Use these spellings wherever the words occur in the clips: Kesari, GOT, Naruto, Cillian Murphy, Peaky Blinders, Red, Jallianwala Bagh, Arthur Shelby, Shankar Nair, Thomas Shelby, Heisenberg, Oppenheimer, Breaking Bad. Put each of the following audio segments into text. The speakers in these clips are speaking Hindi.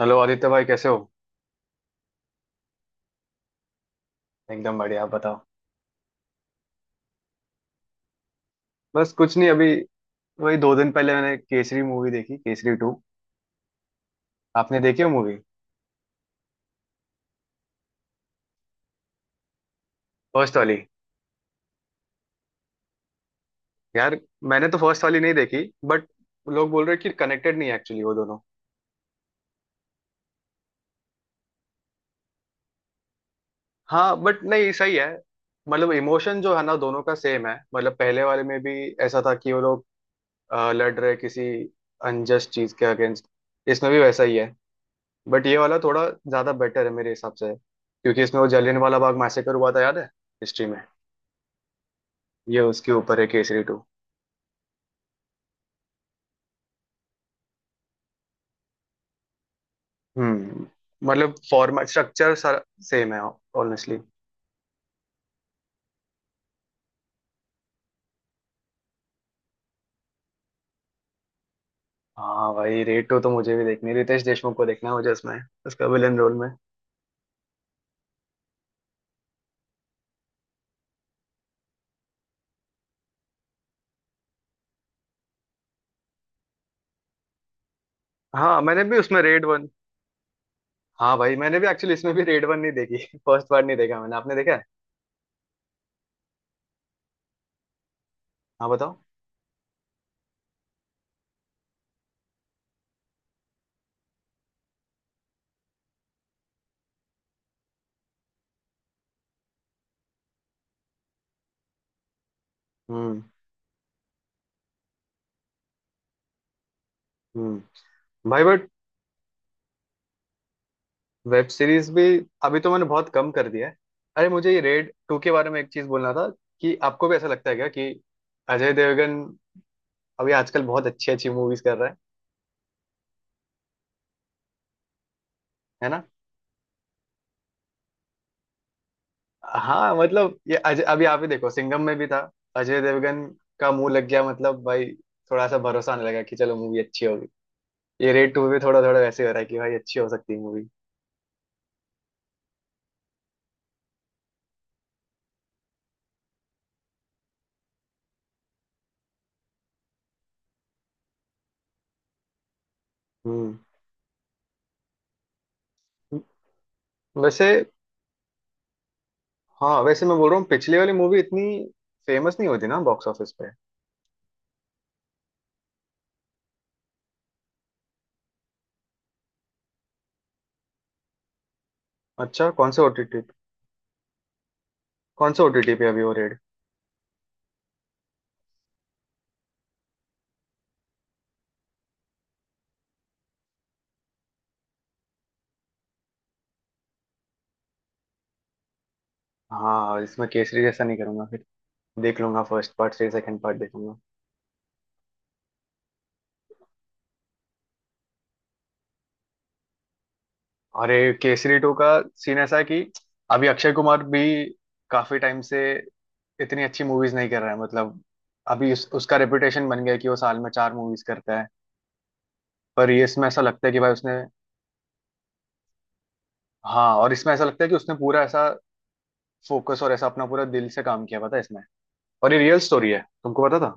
हेलो आदित्य भाई, कैसे हो। एकदम बढ़िया, आप बताओ। बस कुछ नहीं अभी, वही 2 दिन पहले मैंने केसरी मूवी देखी, केसरी टू। आपने देखी हो मूवी? फर्स्ट वाली? यार, मैंने तो फर्स्ट वाली नहीं देखी, बट लोग बोल रहे हैं कि कनेक्टेड नहीं है एक्चुअली वो दोनों। हाँ, बट नहीं, सही है। मतलब इमोशन जो है ना, दोनों का सेम है। मतलब पहले वाले में भी ऐसा था कि वो लोग लड़ रहे किसी अनजस्ट चीज के अगेंस्ट। इसमें भी वैसा ही है। बट ये वाला थोड़ा ज्यादा बेटर है मेरे हिसाब से, क्योंकि इसमें वो जलियांवाला बाग मैसेकर हुआ था, याद है, हिस्ट्री में। ये उसके ऊपर है केसरी टू। हम्म। मतलब फॉर्मेट, स्ट्रक्चर सारा सेम है, ऑनेस्टली। हाँ भाई, रेड टू तो मुझे भी देखनी है, रितेश देशमुख को देखना है मुझे उसमें, उसका विलन रोल में। हाँ, मैंने भी उसमें रेड वन। हाँ भाई, मैंने भी एक्चुअली इसमें भी रेड वन नहीं देखी फर्स्ट पार्ट नहीं देखा मैंने, आपने देखा है? हाँ बताओ। हम्म। हम्म। भाई, बट वेब सीरीज भी अभी तो मैंने बहुत कम कर दिया है। अरे मुझे ये रेड टू के बारे में एक चीज बोलना था, कि आपको भी ऐसा लगता है क्या कि अजय देवगन अभी आजकल बहुत अच्छी अच्छी मूवीज कर रहा है? है ना। हाँ मतलब, ये अजय, अभी आप ही देखो, सिंघम में भी था अजय देवगन, का मुंह लग गया, मतलब भाई, थोड़ा सा भरोसा आने लगा कि चलो मूवी अच्छी होगी। ये रेड टू भी थोड़ा थोड़ा वैसे हो रहा है कि भाई अच्छी हो सकती है मूवी। हम्म। वैसे। हाँ वैसे, मैं बोल रहा हूँ, पिछली वाली मूवी इतनी फेमस नहीं होती ना बॉक्स ऑफिस पे। अच्छा, कौन से ओटीटी? कौन से ओटीटी पे अभी वो रेड? हाँ, इसमें केसरी जैसा नहीं करूंगा फिर। देख लूंगा फर्स्ट पार्ट, फिर सेकंड पार्ट देखूंगा। अरे केसरी टू का सीन ऐसा है कि अभी अक्षय कुमार भी काफी टाइम से इतनी अच्छी मूवीज नहीं कर रहा है, मतलब अभी उसका रेपुटेशन बन गया है कि वो साल में 4 मूवीज करता है। पर ये इसमें ऐसा लगता है कि भाई उसने। हाँ, और इसमें ऐसा लगता है कि उसने पूरा ऐसा फोकस और ऐसा अपना पूरा दिल से काम किया, पता है इसमें। और ये रियल स्टोरी है, तुमको पता था?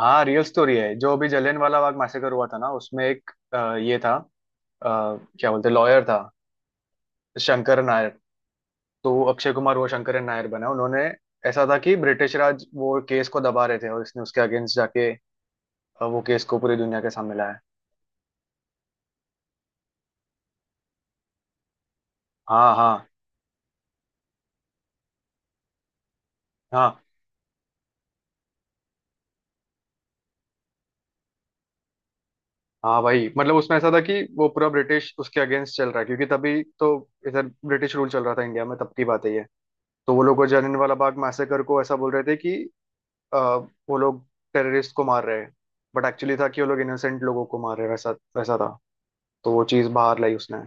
हाँ रियल स्टोरी है, जो अभी जलियांवाला बाग मैसेकर हुआ था ना, उसमें एक ये था, अ, क्या बोलते, लॉयर था, शंकर नायर। तो अक्षय कुमार वो शंकर नायर बना उन्होंने। ऐसा था कि ब्रिटिश राज वो केस को दबा रहे थे और इसने उसके अगेंस्ट जाके वो केस को पूरी दुनिया के सामने लाया। हाँ हाँ हाँ। हाँ भाई, मतलब उसमें ऐसा था कि वो पूरा ब्रिटिश उसके अगेंस्ट चल रहा है, क्योंकि तभी तो इधर ब्रिटिश रूल चल रहा था इंडिया में, तब की बात है ये। तो वो लोग, वो जलियांवाला बाग मैसेकर को ऐसा बोल रहे थे कि अ, वो लोग टेररिस्ट को मार रहे हैं, बट एक्चुअली था कि वो लोग इनोसेंट लोगों को मार रहे हैं, वैसा वैसा था। तो वो चीज़ बाहर लाई उसने।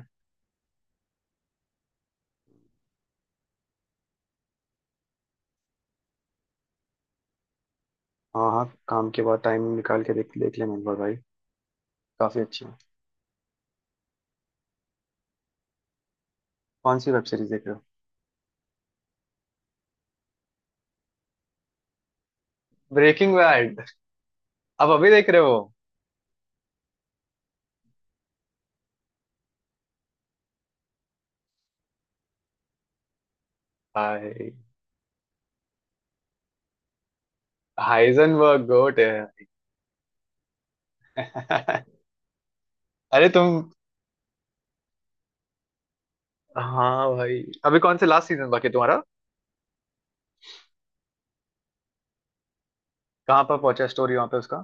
हाँ हाँ, काम के बाद टाइम निकाल के देख देख लिया, मैंने बोला, भाई काफी अच्छी है। कौन सी वेब सीरीज देख रहे हो? Breaking Bad? अब अभी देख रहे हो? हाय, हाइजनबर्ग गोट है अरे तुम। हाँ भाई, अभी कौन से लास्ट सीजन बाकी है तुम्हारा? कहाँ पर पहुंचा स्टोरी वहां पे उसका?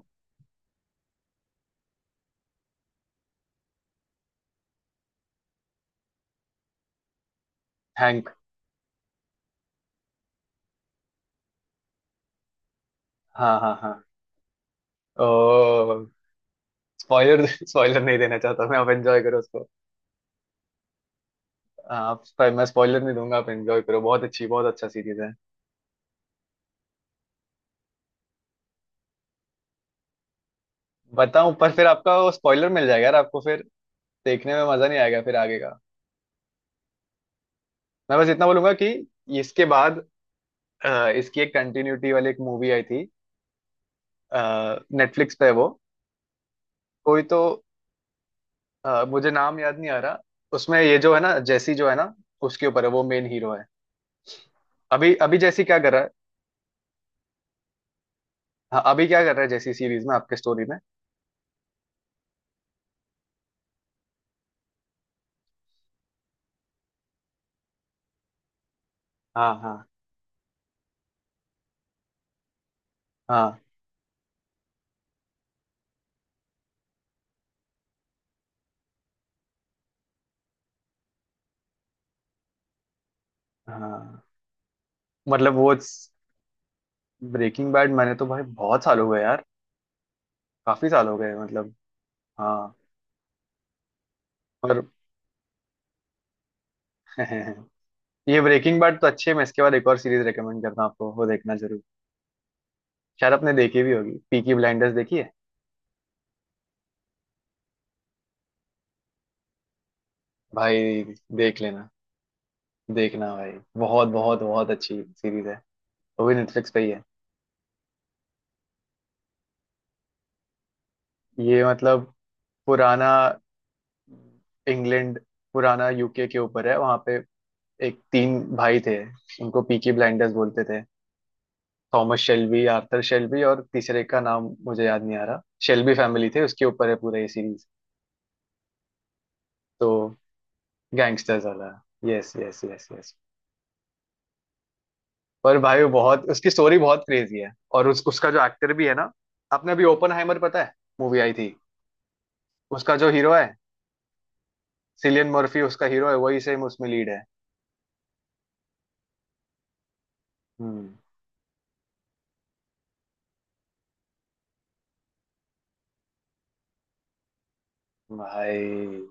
हैंक? हाँ हाँ हाँ। ओ, स्पॉइलर स्पॉइलर नहीं देना चाहता मैं, आप एंजॉय करो उसको। आप, मैं स्पॉइलर नहीं दूंगा, आप एंजॉय करो, बहुत अच्छी, बहुत अच्छा सीरीज है। बताऊं? पर फिर आपका वो स्पॉइलर मिल जाएगा यार, आपको फिर देखने में मजा नहीं आएगा फिर आगे का। मैं बस इतना बोलूंगा कि इसके बाद इसकी एक कंटिन्यूटी वाली एक मूवी आई थी, नेटफ्लिक्स पे है वो। कोई तो मुझे नाम याद नहीं आ रहा। उसमें ये जो है ना, जैसी, जो है ना, उसके ऊपर है, वो मेन हीरो है। अभी अभी जैसी क्या कर रहा है? हाँ, अभी क्या कर रहा है जैसी सीरीज में, आपके स्टोरी में? हाँ हाँ हाँ हाँ। मतलब वो ब्रेकिंग बैड, मैंने तो भाई बहुत साल हो गए यार, काफी साल हो गए मतलब। हाँ। पर ये ब्रेकिंग बैड तो अच्छे, मैं इसके बाद एक और सीरीज रेकमेंड करता हूँ आपको, वो देखना जरूर। शायद आपने देखी भी होगी, पीकी ब्लाइंडर्स देखी है? भाई, देख लेना, देखना भाई, बहुत बहुत बहुत अच्छी सीरीज है, वो भी नेटफ्लिक्स पे ही है। ये मतलब पुराना इंग्लैंड, पुराना यूके के ऊपर है, वहां पे एक तीन भाई थे, उनको पीकी ब्लाइंडर्स बोलते थे। थॉमस शेल्बी, आर्थर शेल्बी और तीसरे का नाम मुझे याद नहीं आ रहा। शेल्बी फैमिली थे, उसके ऊपर है पूरा ये सीरीज। तो गैंगस्टर्स वाला, यस यस यस यस। पर भाई वो बहुत, उसकी स्टोरी बहुत क्रेजी है, और उस उसका जो एक्टर भी है ना, आपने अभी ओपनहाइमर पता है मूवी आई थी, उसका जो हीरो है, सिलियन मर्फी उसका हीरो है, वही सेम उसमें लीड है। हम्म। भाई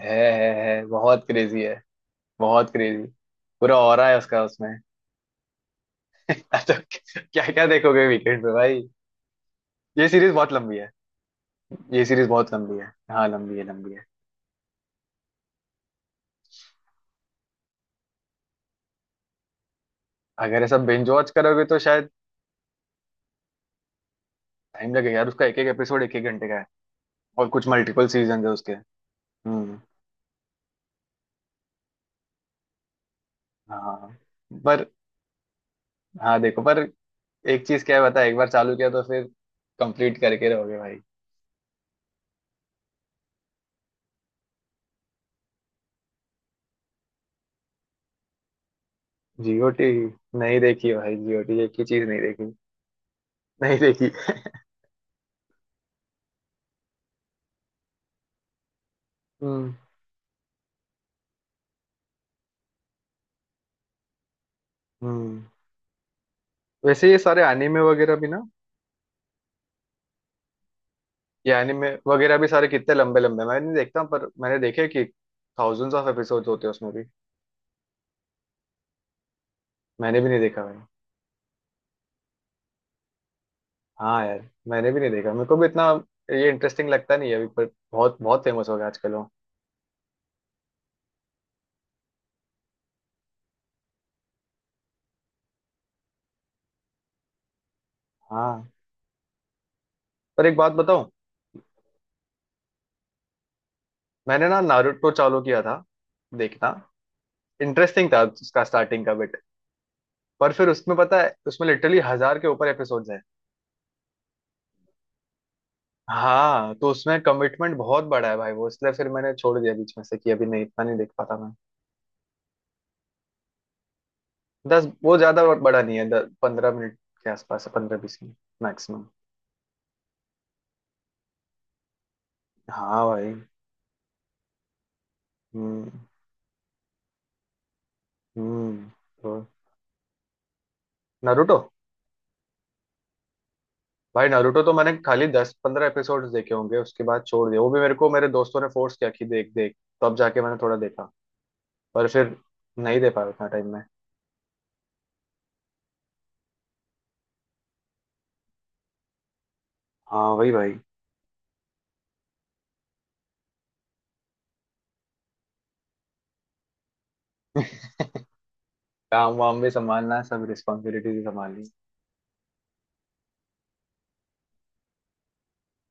है है बहुत क्रेजी है, बहुत क्रेजी, पूरा ऑरा है उसका उसमें तो क्या क्या देखोगे वीकेंड पे भाई? ये सीरीज बहुत लंबी है, ये सीरीज बहुत लंबी है, हाँ लंबी है, लंबी है। अगर ऐसा बिंज वॉच करोगे तो शायद टाइम लगेगा यार, उसका एक एक एपिसोड एक एक घंटे का है, और कुछ मल्टीपल सीजन है उसके। हम्म। हाँ पर, हाँ देखो, पर एक चीज क्या है, बता, एक बार चालू किया तो फिर कंप्लीट करके रहोगे भाई। जीओटी? नहीं देखी है भाई, जीओटी एक ही चीज नहीं देखी, नहीं देखी। हम्म। हम्म। वैसे ये सारे एनिमे वगैरह भी ना, ये एनिमे वगैरह भी सारे कितने लंबे लंबे, मैं नहीं देखता, पर मैंने देखे कि थाउजेंड्स ऑफ एपिसोड्स होते हैं उसमें भी। मैंने भी नहीं देखा भाई। हाँ यार, मैंने भी नहीं देखा, मेरे को भी इतना ये इंटरेस्टिंग लगता नहीं है अभी, पर बहुत बहुत फेमस हो गया आजकल वो। हाँ, पर एक बात बताऊं, मैंने ना नारुतो चालू किया था देखना, इंटरेस्टिंग था उसका स्टार्टिंग का बिट। पर फिर उसमें पता है, उसमें लिटरली 1000 के ऊपर एपिसोड। हाँ, तो उसमें कमिटमेंट बहुत बड़ा है भाई वो, इसलिए फिर मैंने छोड़ दिया बीच में से कि अभी नहीं, इतना नहीं देख पाता मैं। दस, वो ज्यादा बड़ा नहीं है, 10-15 मिनट के आसपास है, 15-20 मिनट मैक्सिमम। हाँ भाई। हम्म। हम्म। तो नारुतो, भाई नारुतो तो मैंने खाली 10-15 एपिसोड्स देखे होंगे, उसके बाद छोड़ दिया। वो भी मेरे को मेरे दोस्तों ने फोर्स किया कि देख देख, तो अब जाके मैंने थोड़ा देखा। पर फिर नहीं दे पाया उतना टाइम में। हाँ वही भाई काम वाम भी संभालना है, सब रिस्पॉन्सिबिलिटीज भी संभालनी है।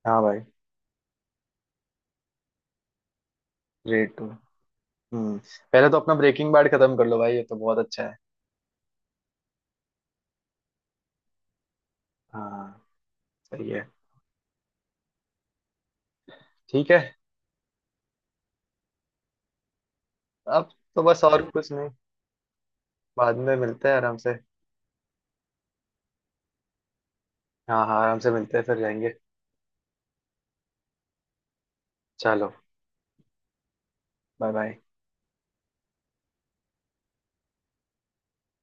हाँ भाई। ग्रेट। हम्म। पहले तो अपना ब्रेकिंग बैड खत्म कर लो भाई, ये तो बहुत अच्छा है। हाँ, सही है। ठीक है अब, तो बस और कुछ नहीं। बाद में मिलते हैं आराम से। हाँ हाँ आराम से मिलते हैं, फिर जाएंगे। चलो, बाय बाय।